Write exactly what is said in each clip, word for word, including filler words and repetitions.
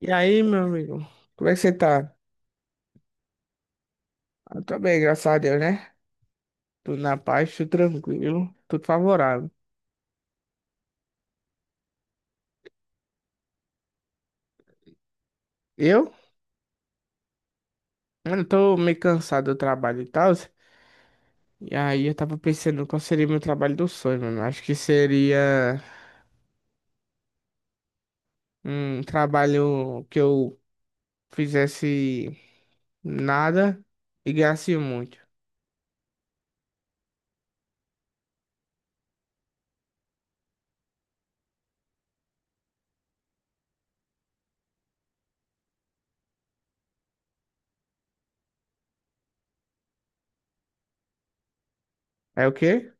E aí, meu amigo, como é que você tá? Eu tô bem, graças a Deus, né? Tudo na paz, tudo tranquilo, tudo favorável. Eu? Mano, eu tô meio cansado do trabalho e tal. E aí eu tava pensando qual seria meu trabalho do sonho, mano. Acho que seria um trabalho que eu fizesse nada e ganhasse muito. É o quê?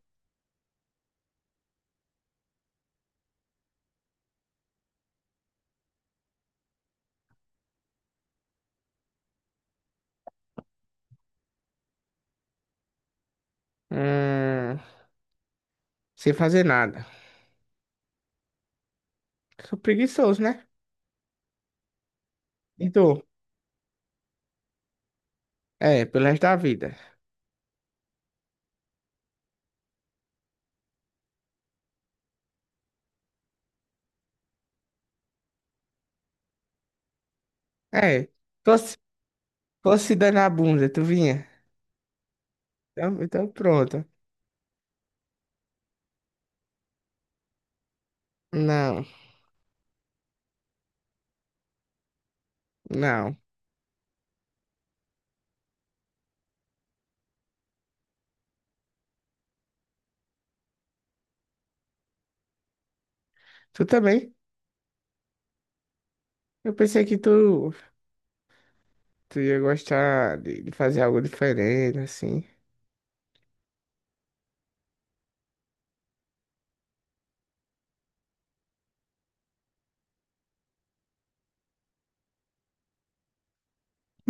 Hum, Sem fazer nada. Sou preguiçoso, né? Então, é, pelo resto da vida. É. Tô, Fosse dar na bunda, tu vinha? Então, então pronto. Não, não. Tu também? Eu pensei que tu, tu ia gostar de, de fazer algo diferente, assim.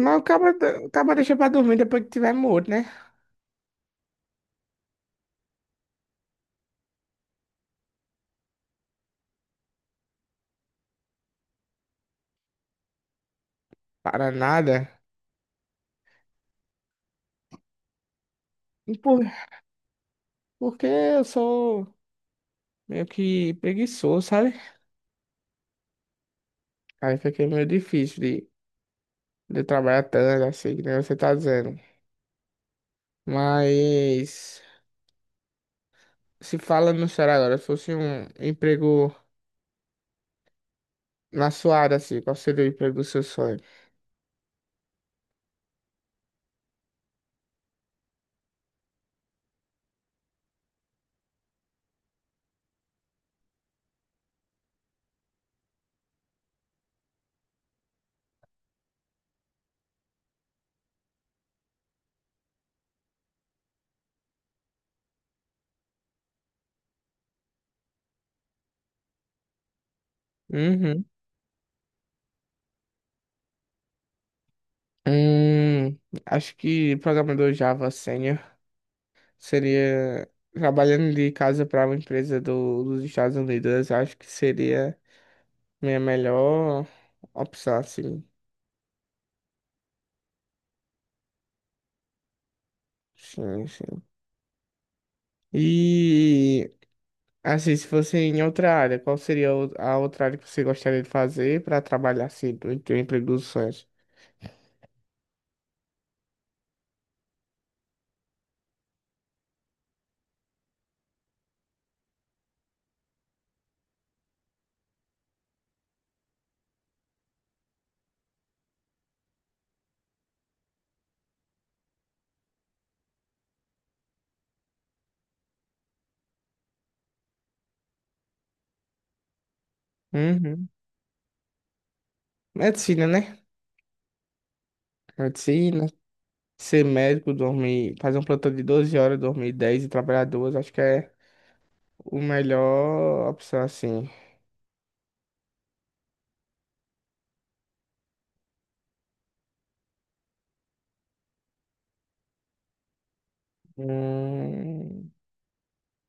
Mas o cara, o cara deixa pra dormir depois que tiver morto, né? Para nada. E Por, porque eu sou meio que preguiçoso, sabe? Aí fica meio difícil de, de eu trabalhar tanto, assim, que nem você tá dizendo. Mas, se fala no sério agora, se fosse um emprego. Na sua área, assim, qual seria o emprego do seu sonho? Uhum. Hum, Acho que programador Java Senior seria trabalhando de casa para uma empresa do, dos Estados Unidos. Acho que seria minha melhor opção, assim. Sim, sim. E, assim, se fosse em outra área, qual seria o- a outra área que você gostaria de fazer para trabalhar, assim, do do emprego dos sonhos? Uhum. Medicina, né? Medicina. Ser médico, dormir, fazer um plantão de doze horas, dormir dez e trabalhar duas, acho que é o melhor opção, assim. Hum,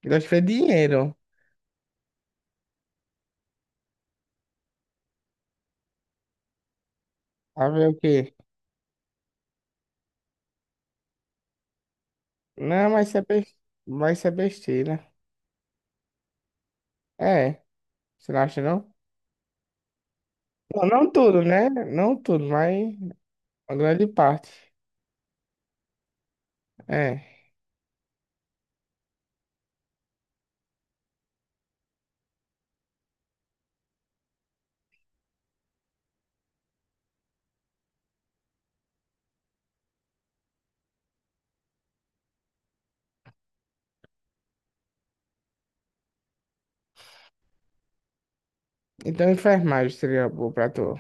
eu acho que é dinheiro. A ver o quê? Não, mas isso é, bes- mas isso é besteira. É, você não acha, não? Não, não tudo, né? Não tudo, mas uma grande parte. É. Então, enfermagem seria boa pra tu.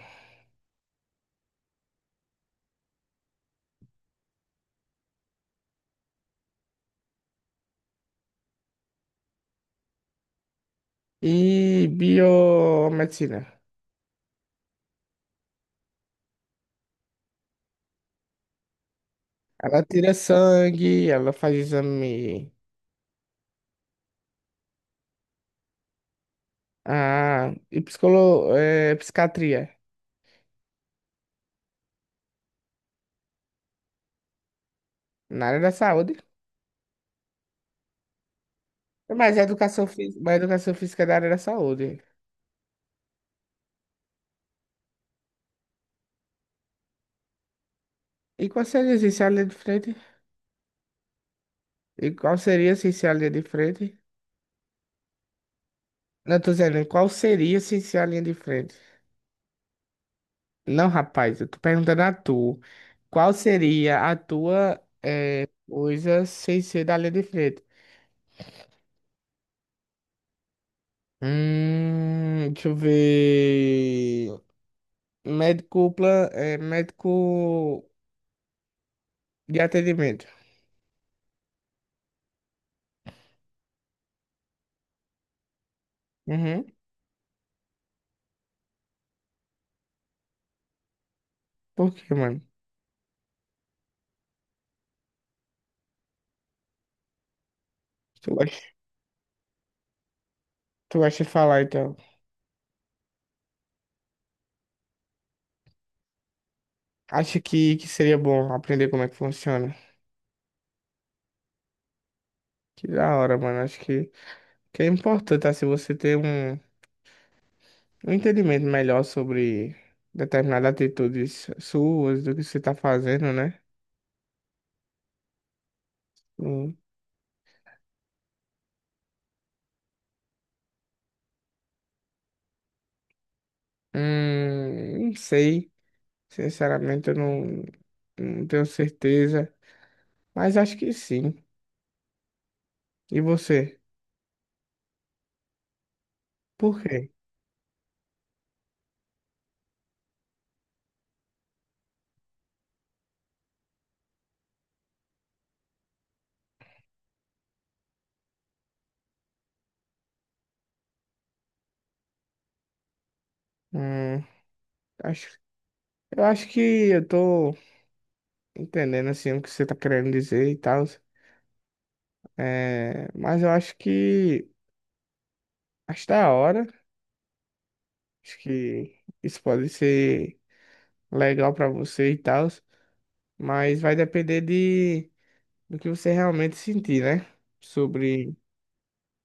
E biomedicina. Ela tira sangue, ela faz exame. Ah, e psicolo, é, psiquiatria na área da saúde. Mas a educação física, mas a educação física é da área da saúde. E qual seria assim, se a linha de frente? E qual seria assim, se a linha de frente? Não, tô dizendo, qual seria assim, se a linha de frente? Não, rapaz, eu tô perguntando a tu. Qual seria a tua eh, coisa sem ser da linha de frente? Hum, deixa eu ver. Médico, plan, é, médico de atendimento. Uhum. Por quê, mano? Tu gosta, tu gosta de falar, então. Acha que, que seria bom aprender como é que funciona? Que da hora, mano. Acho que, que é importante, assim, você ter um, um entendimento melhor sobre determinadas atitudes suas, do que você tá fazendo, né? Hum, hum, não sei. Sinceramente, eu não, não tenho certeza. Mas acho que sim. E você? Por quê? Hum, acho, eu acho que eu tô entendendo, assim, o que você tá querendo dizer e tal. É, mas eu acho que acho da hora. Acho que isso pode ser legal pra você e tal. Mas vai depender de do que você realmente sentir, né? Sobre,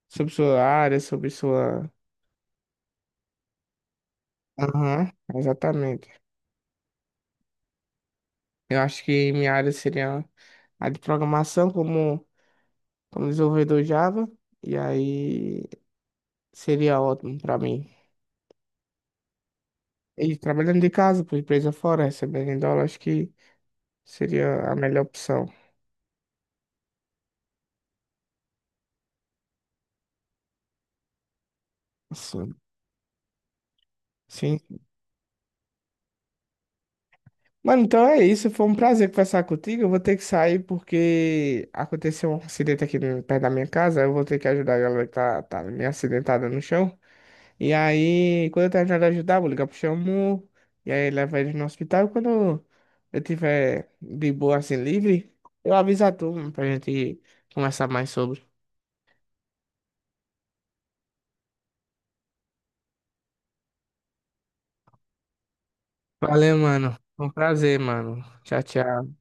sobre sua área, sobre sua. Aham, exatamente. Eu acho que minha área seria a de programação como, como desenvolvedor Java. E aí seria ótimo pra mim. E trabalhando de casa, por empresa fora, recebendo em dólar, acho que seria a melhor opção. Nossa. Sim. Mano, então é isso. Foi um prazer conversar contigo. Eu vou ter que sair porque aconteceu um acidente aqui no- perto da minha casa. Eu vou ter que ajudar a galera que tá, tá meio acidentada no chão. E aí, quando eu terminar de ajudar, eu vou ligar pro Xamu. E aí, leva ele no hospital. Quando eu tiver de boa, assim, livre, eu aviso a turma pra gente conversar mais sobre. Valeu, mano. Foi um prazer, mano. Tchau, tchau.